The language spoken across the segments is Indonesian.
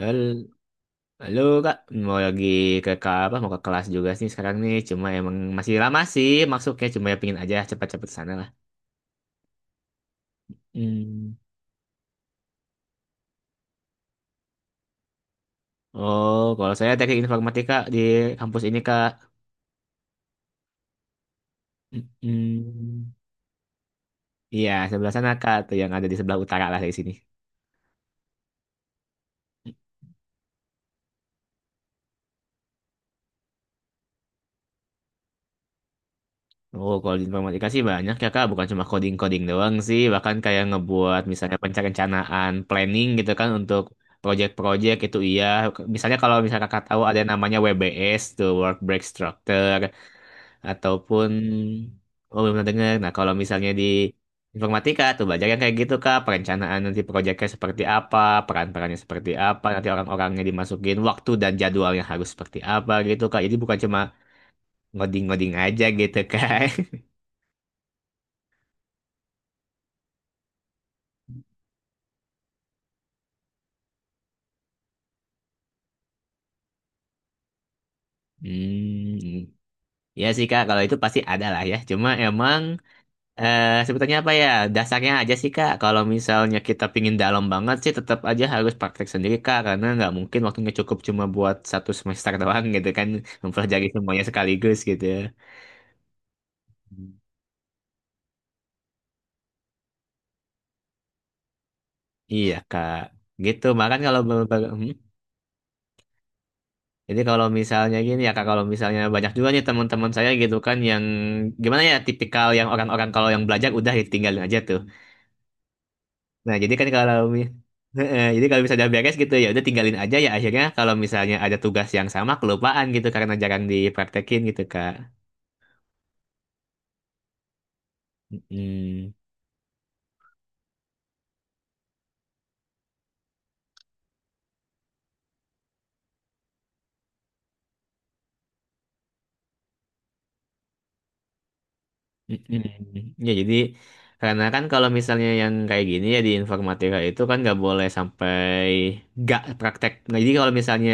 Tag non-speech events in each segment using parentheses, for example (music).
Hal- Halo kak, mau lagi ke apa? Mau ke kelas juga sih sekarang nih. Cuma emang masih lama sih maksudnya. Cuma ya pingin aja cepat-cepat sana lah. Hmm. Oh, kalau saya teknik informatika di kampus ini kak. Hmm. Iya, sebelah sana kak, tuh yang ada di sebelah utara lah dari sini. Oh, kalau di informatika sih banyak ya Kak, bukan cuma coding-coding doang sih, bahkan kayak ngebuat misalnya perencanaan planning gitu kan untuk project-project itu iya. Misalnya kalau misalnya Kakak tahu ada yang namanya WBS tuh Work Break Structure ataupun oh belum pernah dengar. Nah, kalau misalnya di informatika tuh belajar yang kayak gitu Kak, perencanaan nanti projectnya seperti apa, peran-perannya seperti apa, nanti orang-orangnya dimasukin waktu dan jadwalnya harus seperti apa gitu Kak. Jadi bukan cuma ngoding-ngoding aja gitu (laughs) Kak. Hmm, ya sih Kak, kalau itu pasti ada lah ya. Cuma emang sebetulnya apa ya dasarnya aja sih Kak. Kalau misalnya kita pingin dalam banget sih, tetap aja harus praktek sendiri Kak, karena nggak mungkin waktunya cukup cuma buat satu semester doang gitu kan, mempelajari semuanya sekaligus gitu. Hmm. Iya Kak, gitu. Makan kalau. Jadi kalau misalnya gini ya Kak, kalau misalnya banyak juga nih teman-teman saya gitu kan yang gimana ya tipikal yang orang-orang kalau yang belajar udah ditinggalin aja tuh. Nah, jadi kan Heeh, jadi kalau misalnya udah beres gitu ya udah tinggalin aja ya akhirnya kalau misalnya ada tugas yang sama kelupaan gitu karena jarang dipraktekin gitu Kak. Mm. Mm-mm. Ya jadi karena kan kalau misalnya yang kayak gini ya di informatika itu kan nggak boleh sampai nggak praktek. Nah, jadi kalau misalnya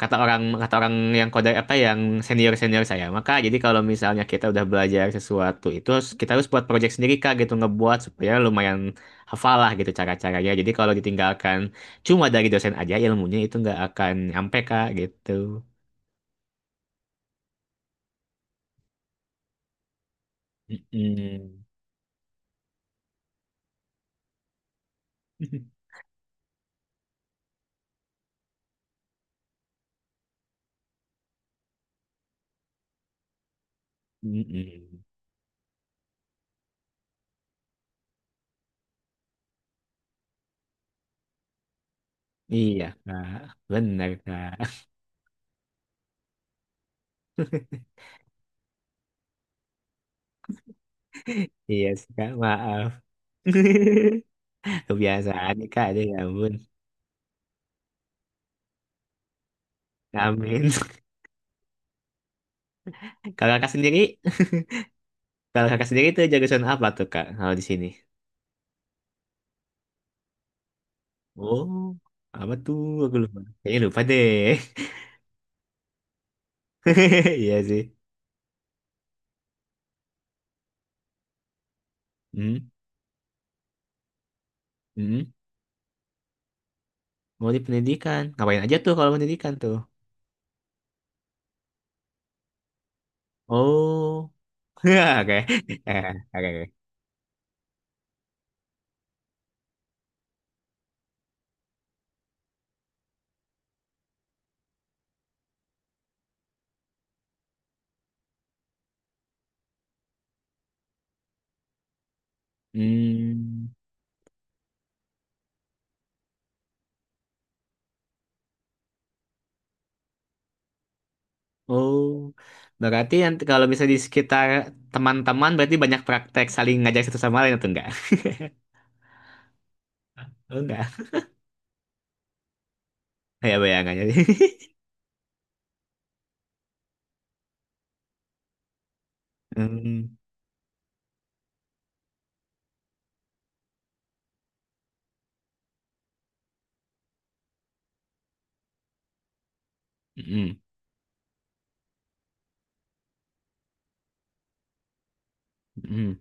kata orang yang kode apa yang senior senior saya maka jadi kalau misalnya kita udah belajar sesuatu itu harus, kita harus buat project sendiri kak gitu ngebuat supaya lumayan hafal lah gitu cara-caranya. Jadi kalau ditinggalkan cuma dari dosen aja ilmunya itu nggak akan nyampe kak gitu. Mm-mm. (laughs) Mm-mm. Iya, Kak. Benar, Kak. (laughs) Iya, sih, Kak. Maaf. (laughs) Kebiasaan nih, Kak. Aduh, ya ampun. Amin. (laughs) Kalau Kakak sendiri, kalau Kakak sendiri itu jurusan apa tuh, Kak? Kalau di sini. Oh, apa tuh? Aku lupa. Kayaknya lupa deh. (laughs) Iya sih. Hmm, hmm. Mau di pendidikan. Ngapain aja tuh kalau pendidikan tuh? Oh. (laughs) Oke. Eh, Oke. Oke. Hmm. Oh, berarti yang kalau bisa di sekitar teman-teman berarti banyak praktek saling ngajak satu sama lain atau enggak? (laughs) Oh, enggak. Ya bayangannya. (laughs) Hmm. Hmm. Hmm.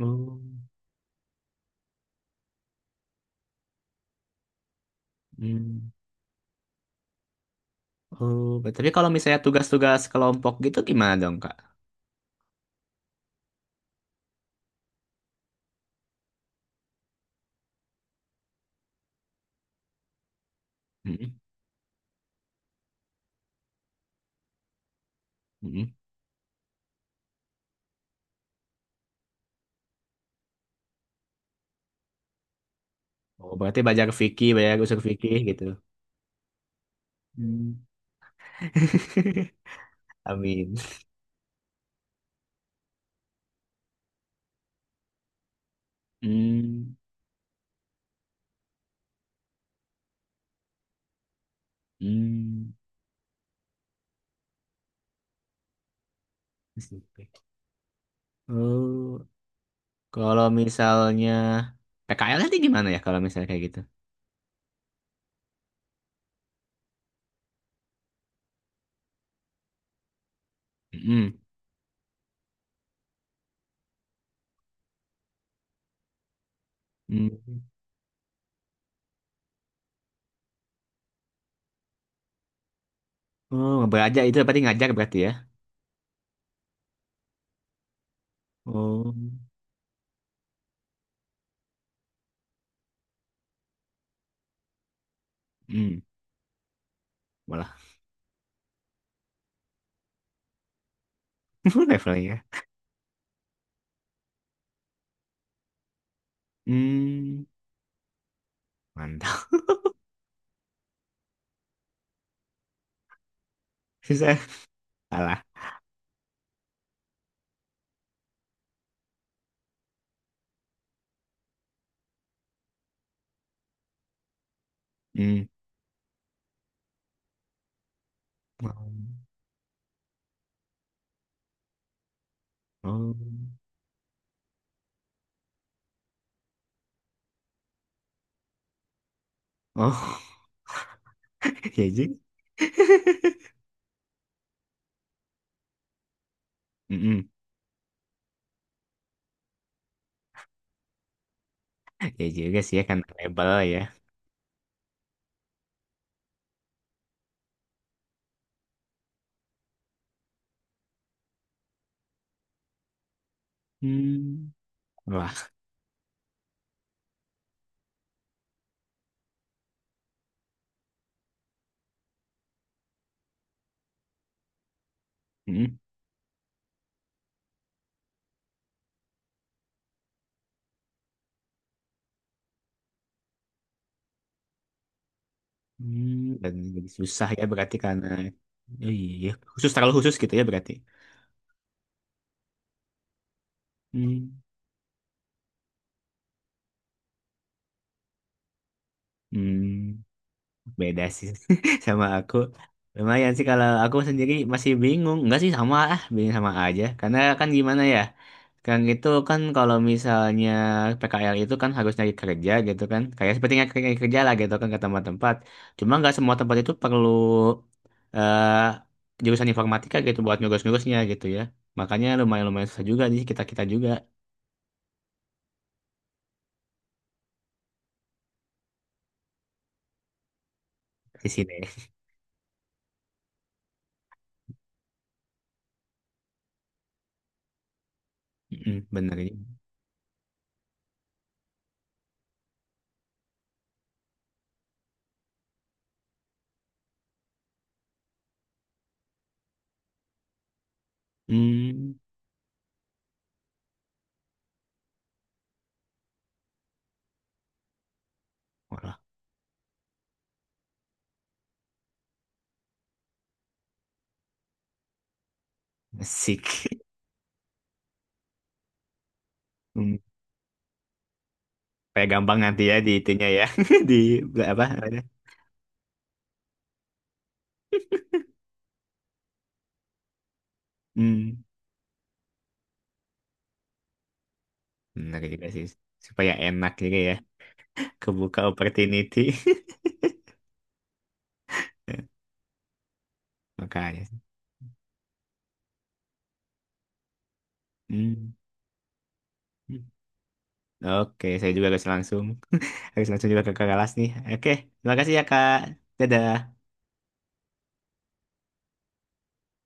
Oh. Hmm. Oh, tapi kalau misalnya tugas-tugas kelompok gitu gimana dong, Kak? Hmm. Hmm. Oh, berarti belajar fikih, belajar usul fikih gitu. Hmm. (laughs) Amin. Hmm. Hmm. Usul fikih. Oh, kalau misalnya PKL nanti gimana ya kalau misalnya kayak gitu? Mm-mm. Mm. Oh, belajar itu berarti ngajar berarti ya. Oh, mm. Malah (laughs) levelnya. Hmm, mantap. (laughs) Susah. Salah. Hmm. Oh, oh, oh, (laughs) ya juga. Mm-mm. Ya juga sih ya kan label ya. Hmm, wah. Mm-mm. Hmm, dan jadi susah ya berarti karena. Oh iya, iya, khusus, terlalu khusus gitu ya berarti. Hmm, hmm. Beda sih (laughs) sama aku. Lumayan sih kalau aku sendiri masih bingung. Enggak sih sama ah, bingung sama aja. Karena kan gimana ya? Kan itu kan kalau misalnya PKL itu kan harus nyari kerja gitu kan. Kayak seperti nyari nyari kerja lah gitu kan ke tempat-tempat. Cuma nggak semua tempat itu perlu eh jurusan informatika gitu buat ngurus-ngurusnya gitu ya. Makanya lumayan-lumayan susah juga di kita-kita juga di sini. Mm, bener ini. Hmm, walah, asik. (laughs) Kayak gampang nanti ya di itunya ya. (laughs) Di apa namanya? Hmm. Benar juga sih. Supaya enak juga ya. Kebuka opportunity. (laughs) Makanya. Hmm. Oke, saya juga harus langsung. (laughs) Harus langsung juga ke kelas nih. Oke, terima kasih ya, Kak. Dadah.